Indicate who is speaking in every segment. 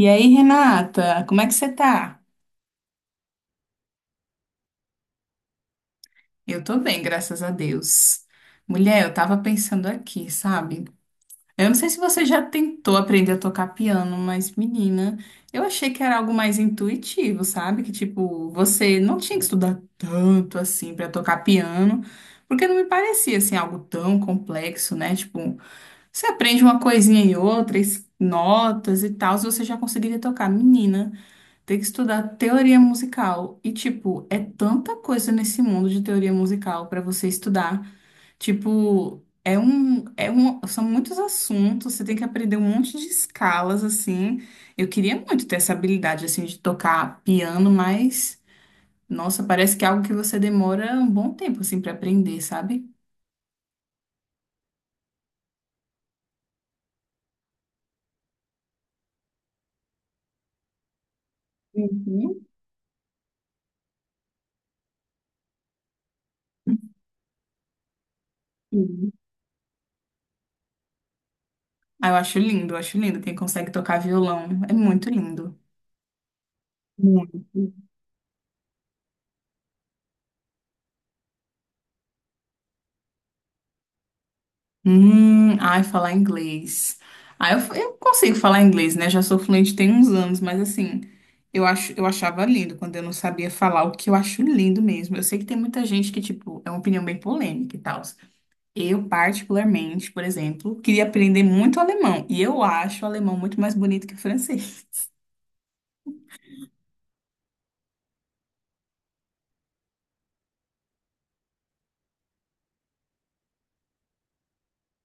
Speaker 1: E aí, Renata, como é que você tá? Eu tô bem, graças a Deus. Mulher, eu tava pensando aqui, sabe? Eu não sei se você já tentou aprender a tocar piano, mas menina, eu achei que era algo mais intuitivo, sabe? Que tipo, você não tinha que estudar tanto assim pra tocar piano, porque não me parecia assim algo tão complexo, né? Tipo, você aprende uma coisinha e outra, notas e tal, você já conseguiria tocar, menina. Tem que estudar teoria musical. E, tipo, é tanta coisa nesse mundo de teoria musical para você estudar. Tipo, são muitos assuntos, você tem que aprender um monte de escalas, assim. Eu queria muito ter essa habilidade, assim, de tocar piano, mas, nossa, parece que é algo que você demora um bom tempo, assim, para aprender, sabe? Uhum. Uhum. Ah, eu acho lindo quem consegue tocar violão. É muito lindo. Muito. Ai, falar inglês. Ah, eu consigo falar inglês, né? Já sou fluente tem uns anos, mas assim, eu acho, eu achava lindo quando eu não sabia falar, o que eu acho lindo mesmo. Eu sei que tem muita gente que, tipo, é uma opinião bem polêmica e tal. Eu, particularmente, por exemplo, queria aprender muito alemão, e eu acho o alemão muito mais bonito que o francês.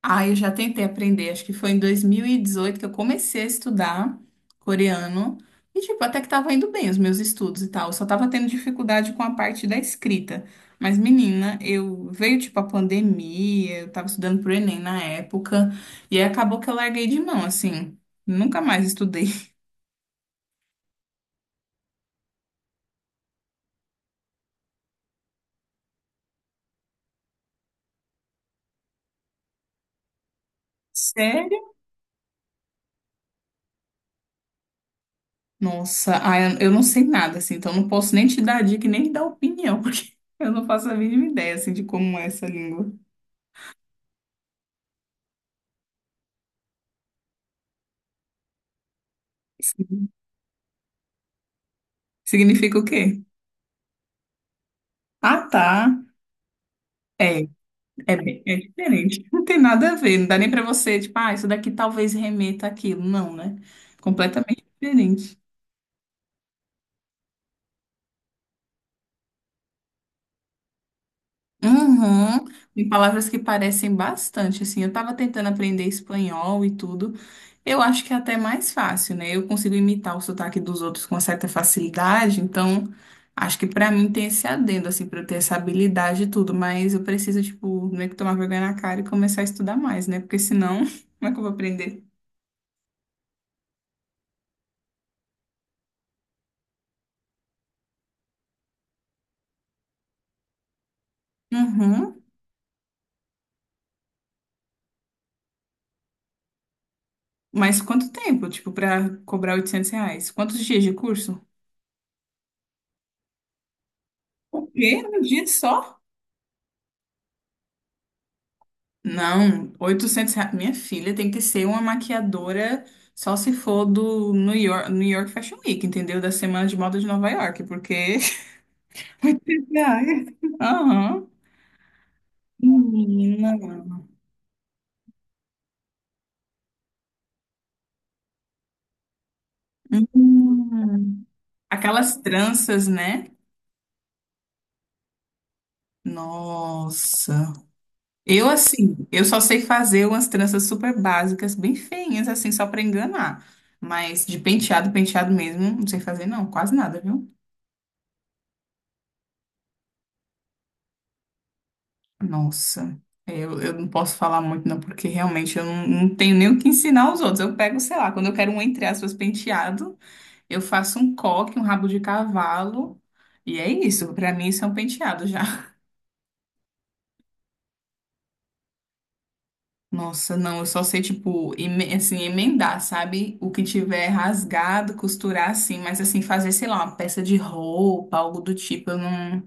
Speaker 1: Ah, eu já tentei aprender, acho que foi em 2018 que eu comecei a estudar coreano. E, tipo, até que tava indo bem os meus estudos e tal. Eu só tava tendo dificuldade com a parte da escrita. Mas, menina, eu veio, tipo, a pandemia, eu tava estudando pro Enem na época. E aí acabou que eu larguei de mão, assim. Nunca mais estudei. Sério? Nossa, ah, eu não sei nada, assim, então não posso nem te dar dica e nem te dar opinião, porque eu não faço a mínima ideia, assim, de como é essa língua. Significa o quê? Ah, tá. É, é diferente. Não tem nada a ver. Não dá nem para você, tipo, ah, isso daqui talvez remeta àquilo. Não, né? Completamente diferente. Uhum. Tem palavras que parecem bastante, assim. Eu tava tentando aprender espanhol e tudo. Eu acho que é até mais fácil, né? Eu consigo imitar o sotaque dos outros com certa facilidade, então acho que pra mim tem esse adendo, assim, pra eu ter essa habilidade e tudo, mas eu preciso, tipo, meio que tomar vergonha na cara e começar a estudar mais, né? Porque senão, como é que eu vou aprender? Uhum. Mas quanto tempo, tipo, pra cobrar R$ 800? Quantos dias de curso? O quê? Um dia só? Não, R$ 800. Minha filha tem que ser uma maquiadora só se for do New York, New York Fashion Week, entendeu? Da Semana de Moda de Nova York, porque... R$ 800. Aham. Menina. Hum. Aquelas tranças, né? Nossa. Eu, assim, eu só sei fazer umas tranças super básicas, bem feinhas, assim, só pra enganar. Mas de penteado, penteado mesmo, não sei fazer, não, quase nada, viu? Nossa, é, eu não posso falar muito, não, porque realmente eu não tenho nem o que ensinar aos outros. Eu pego, sei lá, quando eu quero um, entre aspas, penteado, eu faço um coque, um rabo de cavalo, e é isso. Pra mim, isso é um penteado já. Nossa, não, eu só sei, tipo, assim, emendar, sabe? O que tiver rasgado, costurar assim, mas assim, fazer, sei lá, uma peça de roupa, algo do tipo, eu não,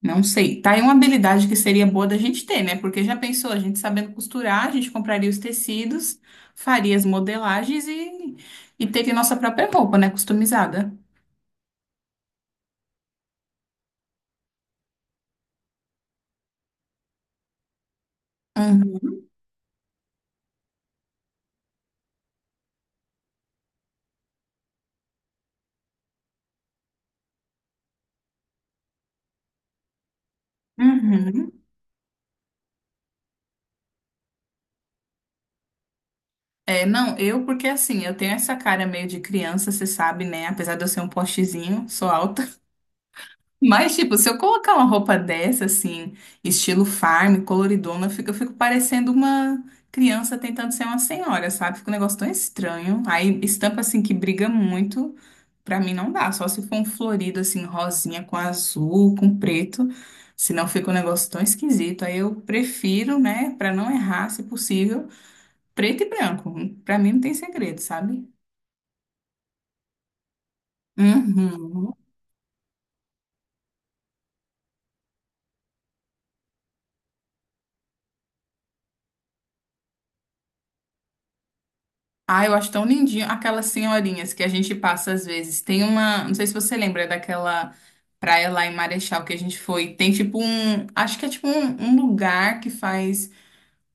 Speaker 1: não sei. Tá aí uma habilidade que seria boa da gente ter, né? Porque já pensou, a gente sabendo costurar, a gente compraria os tecidos, faria as modelagens e teria nossa própria roupa, né? Customizada. Uhum. Uhum. É, não, eu, porque assim, eu tenho essa cara meio de criança, você sabe, né? Apesar de eu ser um postezinho, sou alta. Mas, tipo, se eu colocar uma roupa dessa, assim, estilo farm, coloridona, eu fico parecendo uma criança tentando ser uma senhora, sabe? Fica um negócio tão estranho. Aí, estampa, assim, que briga muito, pra mim não dá. Só se for um florido, assim, rosinha com azul, com preto. Senão fica um negócio tão esquisito. Aí eu prefiro, né, pra não errar, se possível, preto e branco. Pra mim não tem segredo, sabe? Uhum. Ah, eu acho tão lindinho aquelas senhorinhas que a gente passa às vezes. Tem uma, não sei se você lembra daquela praia lá em Marechal que a gente foi. Tem tipo um, acho que é tipo um, um lugar que faz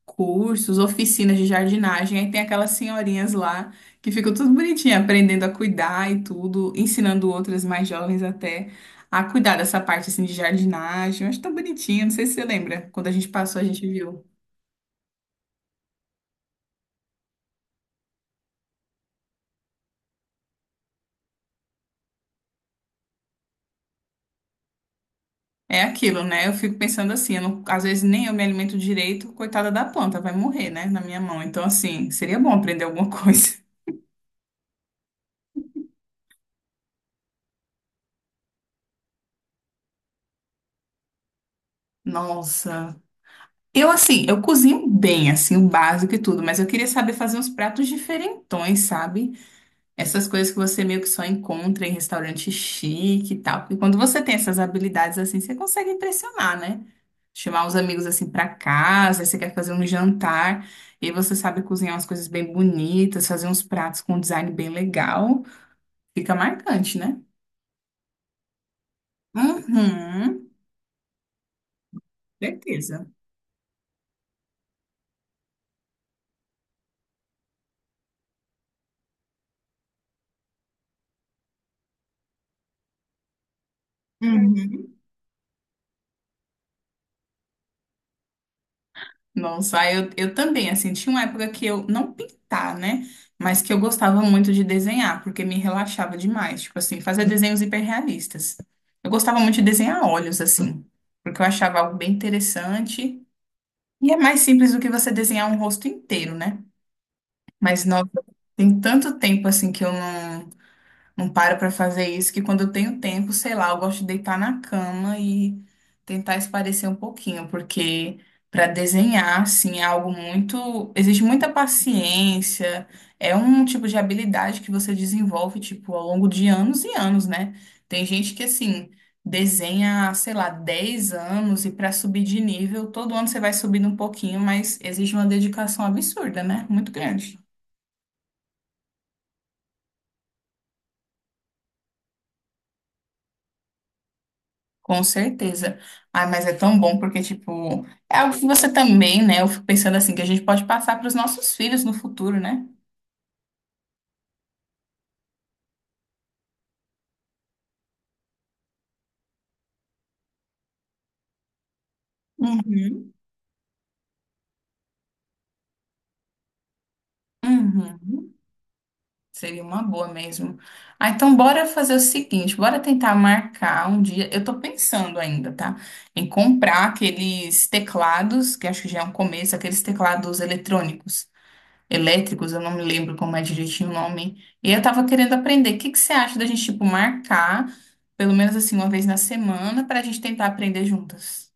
Speaker 1: cursos, oficinas de jardinagem. Aí tem aquelas senhorinhas lá que ficam tudo bonitinha, aprendendo a cuidar e tudo, ensinando outras mais jovens até a cuidar dessa parte assim de jardinagem. Eu acho tão bonitinho, não sei se você lembra. Quando a gente passou, a gente viu. É aquilo, né? Eu fico pensando assim, eu não- às vezes nem eu me alimento direito, coitada da planta, vai morrer, né, na minha mão. Então, assim, seria bom aprender alguma coisa. Nossa. Eu, assim, eu cozinho bem, assim, o básico e tudo, mas eu queria saber fazer uns pratos diferentões, sabe? Essas coisas que você meio que só encontra em restaurante chique e tal. Porque quando você tem essas habilidades assim, você consegue impressionar, né? Chamar os amigos assim pra casa, aí você quer fazer um jantar, e aí você sabe cozinhar umas coisas bem bonitas, fazer uns pratos com um design bem legal. Fica marcante, né? Uhum, certeza. Uhum. Nossa, aí eu também, assim, tinha uma época que eu, não pintar, né? Mas que eu gostava muito de desenhar, porque me relaxava demais. Tipo assim, fazer desenhos hiperrealistas. Eu gostava muito de desenhar olhos, assim, porque eu achava algo bem interessante. E é mais simples do que você desenhar um rosto inteiro, né? Mas, nossa, tem tanto tempo, assim, que eu não. Não paro pra fazer isso, que quando eu tenho tempo, sei lá, eu gosto de deitar na cama e tentar espairecer um pouquinho, porque para desenhar, assim, é algo muito. Existe muita paciência, é um tipo de habilidade que você desenvolve, tipo, ao longo de anos e anos, né? Tem gente que, assim, desenha, sei lá, 10 anos e para subir de nível, todo ano você vai subindo um pouquinho, mas exige uma dedicação absurda, né? Muito grande. Com certeza. Ai, mas é tão bom porque, tipo, é algo que você também, né? Eu fico pensando assim, que a gente pode passar para os nossos filhos no futuro, né? Uhum. Uhum. Seria uma boa mesmo. Ah, então bora fazer o seguinte, bora tentar marcar um dia. Eu tô pensando ainda, tá? Em comprar aqueles teclados, que acho que já é um começo, aqueles teclados eletrônicos. Elétricos, eu não me lembro como é direitinho o nome. E eu tava querendo aprender. O que que você acha da gente, tipo, marcar, pelo menos assim, uma vez na semana, pra gente tentar aprender juntas?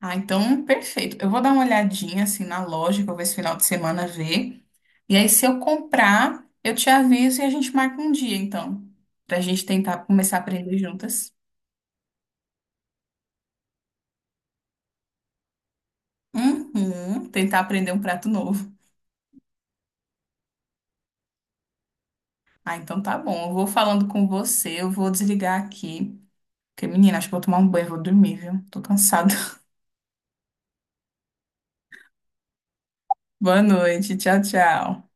Speaker 1: Ah, então, perfeito. Eu vou dar uma olhadinha, assim, na loja, que eu vou esse final de semana ver. E aí, se eu comprar, eu te aviso e a gente marca um dia, então, pra gente tentar começar a aprender juntas. Uhum, tentar aprender um prato novo. Ah, então tá bom. Eu vou falando com você, eu vou desligar aqui. Porque, menina, acho que vou tomar um banho, e vou dormir, viu? Tô cansada. Boa noite, tchau, tchau.